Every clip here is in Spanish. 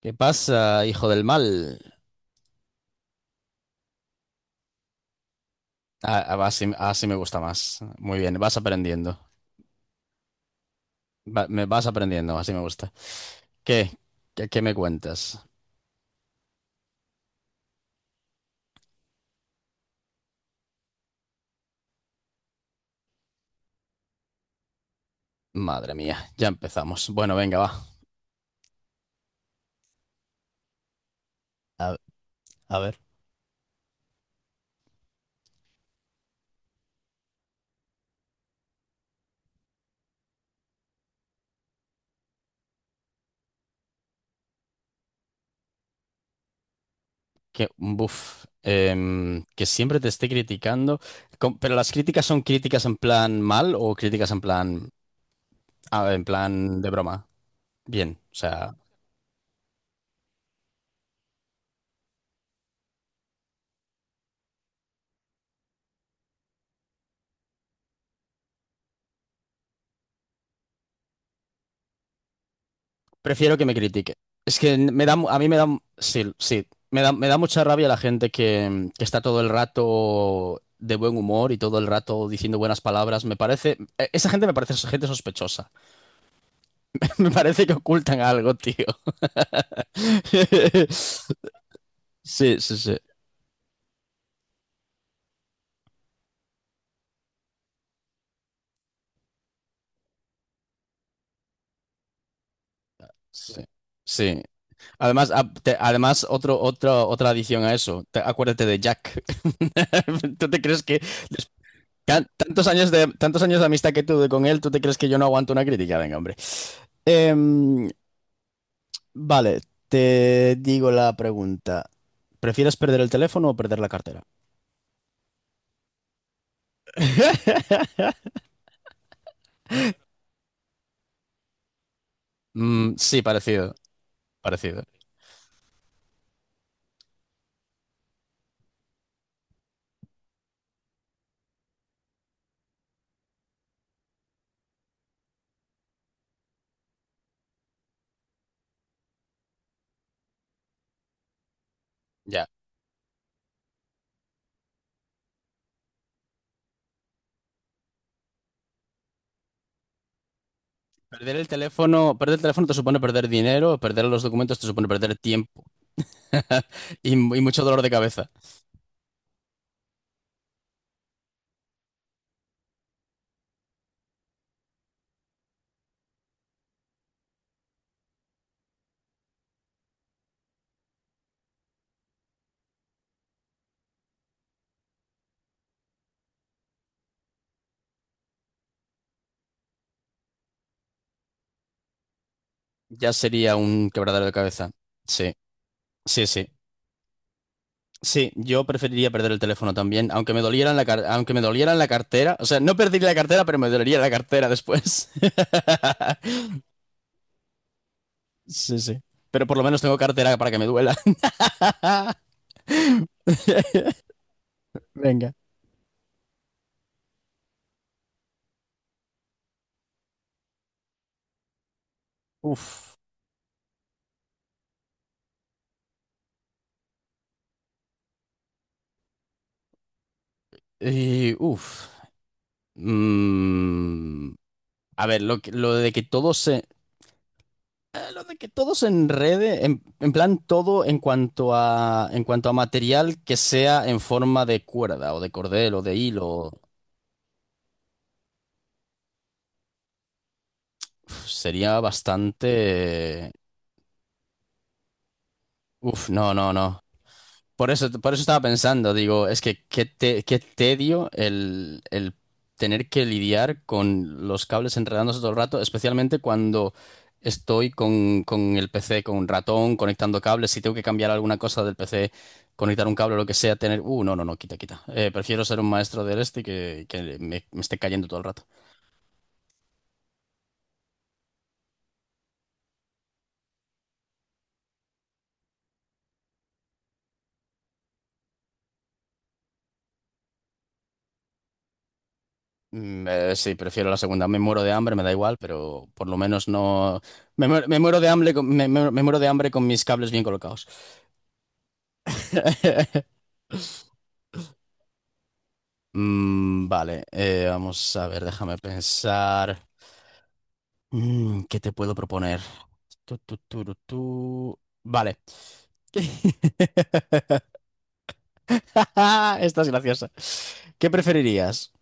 ¿Qué pasa, hijo del mal? Ah, ah, va, así, así me gusta más. Muy bien, vas aprendiendo. Me vas aprendiendo, así me gusta. ¿Qué? ¿Qué me cuentas? Madre mía, ya empezamos. Bueno, venga, va. A, a ver. Que, buf, que siempre te esté criticando. Pero las críticas son críticas en plan mal o críticas en plan, ah, en plan de broma. Bien, o sea. Prefiero que me critique. Es que me da, a mí me da, sí, sí, me da mucha rabia la gente que está todo el rato de buen humor y todo el rato diciendo buenas palabras. Me parece, esa gente me parece gente sospechosa. Me parece que ocultan algo, tío. Sí, sí, sí, sí. Sí. Además, además otra adición a eso. Acuérdate de Jack. ¿Tú te crees que tantos años de, tantos años de amistad que tuve con él, tú te crees que yo no aguanto una crítica? Venga, hombre. Em, vale, te digo la pregunta. ¿Prefieres perder el teléfono o perder la cartera? Mm, sí, parecido, parecido. Ya. Perder el teléfono te supone perder dinero, perder los documentos te supone perder tiempo y mucho dolor de cabeza. Ya sería un quebradero de cabeza. Sí, sí, sí. Sí, yo preferiría perder el teléfono también, aunque me doliera en la aunque me doliera en la cartera. O sea, no perdería la cartera, pero me dolería la cartera después. Sí, sí. Pero por lo menos tengo cartera para que me duela. Venga. Uf. Y, uf. Mm, a ver, lo de que todo se, lo de que todo se enrede, en plan todo en cuanto a material que sea en forma de cuerda o de cordel o de hilo. Uf, sería bastante... Uf, no, no, no. Por eso estaba pensando, digo, es que qué, qué tedio el tener que lidiar con los cables enredándose todo el rato, especialmente cuando estoy con el PC, con un ratón, conectando cables, si tengo que cambiar alguna cosa del PC, conectar un cable o lo que sea, tener... no, no, no, quita, quita. Prefiero ser un maestro del este que me esté cayendo todo el rato. Mm, sí, prefiero la segunda. Me muero de hambre, me da igual, pero por lo menos no. Me muero de hambre con, me, me muero de hambre con mis cables bien colocados. Mm, vale, vamos a ver, déjame pensar. Mm, ¿qué te puedo proponer? Tu, tu, tu, tu, tu. Vale. Esta es graciosa. ¿Qué preferirías?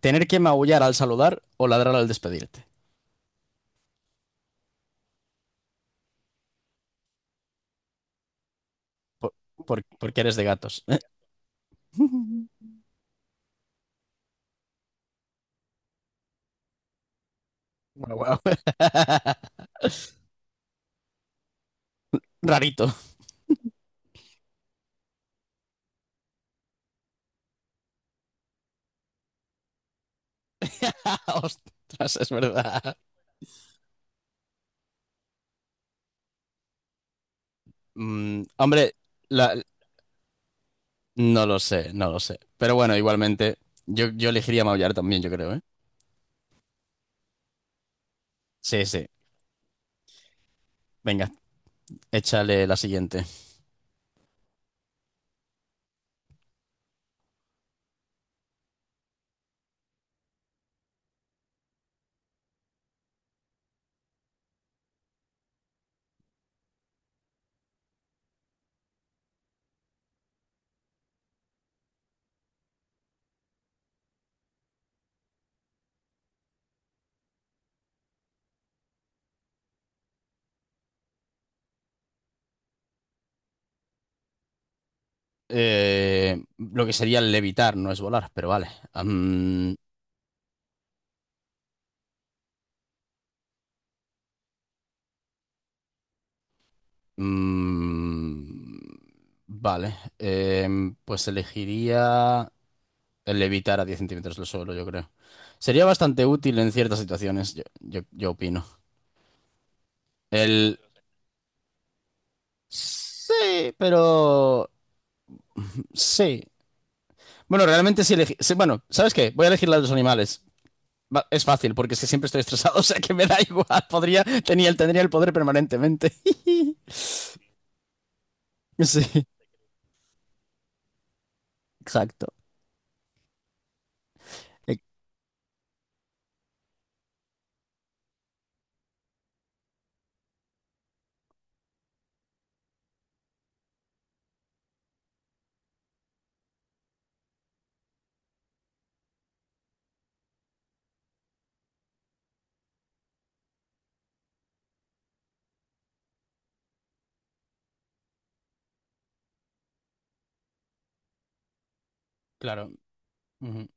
¿Tener que maullar al saludar o ladrar al despedirte? Por- porque eres de gatos. Guau, guau. Rarito. Ostras, es verdad. Mm, hombre, la- no lo sé, no lo sé. Pero bueno, igualmente, yo elegiría maullar también, yo creo, ¿eh? Sí, sí. Venga, échale la siguiente. Lo que sería levitar, no es volar, pero vale. Am, mm, vale. Pues elegiría el levitar a 10 centímetros del suelo, yo creo. Sería bastante útil en ciertas situaciones, yo opino. El. Sí, pero sí. Bueno, realmente sí elegí. Sí, bueno, ¿sabes qué? Voy a elegir la de los animales. Es fácil, porque es que siempre estoy estresado, o sea que me da igual. Tendría el poder permanentemente. Sí, exacto. Eh, claro. Ujú.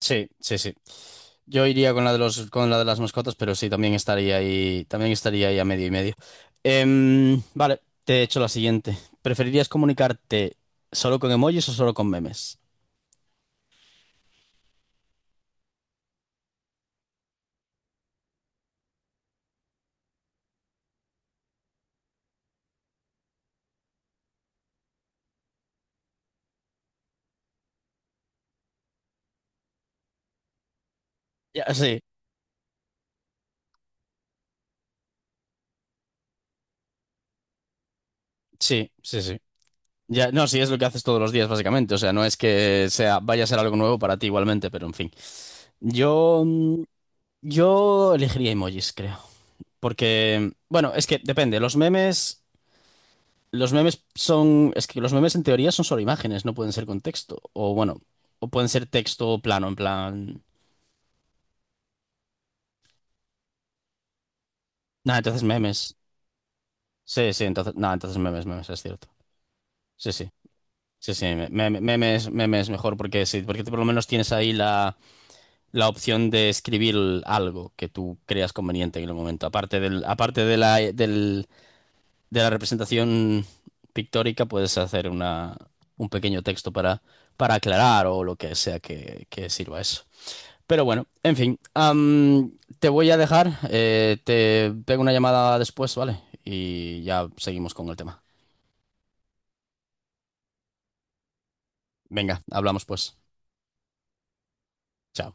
Sí, sí, sí. Yo iría con la de los, con la de las mascotas, pero sí, también estaría ahí a medio y medio. Vale, te he hecho la siguiente. ¿Preferirías comunicarte solo con emojis o solo con memes? Ya, sí, sí, sí, sí. Ya, no, sí, es lo que haces todos los días, básicamente. O sea, no es que sea, vaya a ser algo nuevo para ti igualmente, pero en fin. Yo, mm, yo elegiría emojis, creo. Porque, bueno, es que depende. Los memes son, es que los memes en teoría son solo imágenes, no pueden ser con texto. O bueno, o pueden ser texto plano, en plan. Nada, entonces memes. Sí, sí, entonces, nada, entonces memes, memes, es cierto. Sí, sí. Sí, sí, memes, memes mejor porque sí, porque tú por lo menos tienes ahí la la opción de escribir algo que tú creas conveniente en el momento. Aparte del, aparte de la, de la representación pictórica, puedes hacer una, un pequeño texto para aclarar o lo que sea que sirva eso. Pero bueno, en fin, am, te voy a dejar, te pego una llamada después, ¿vale? Y ya seguimos con el tema. Venga, hablamos pues. Chao.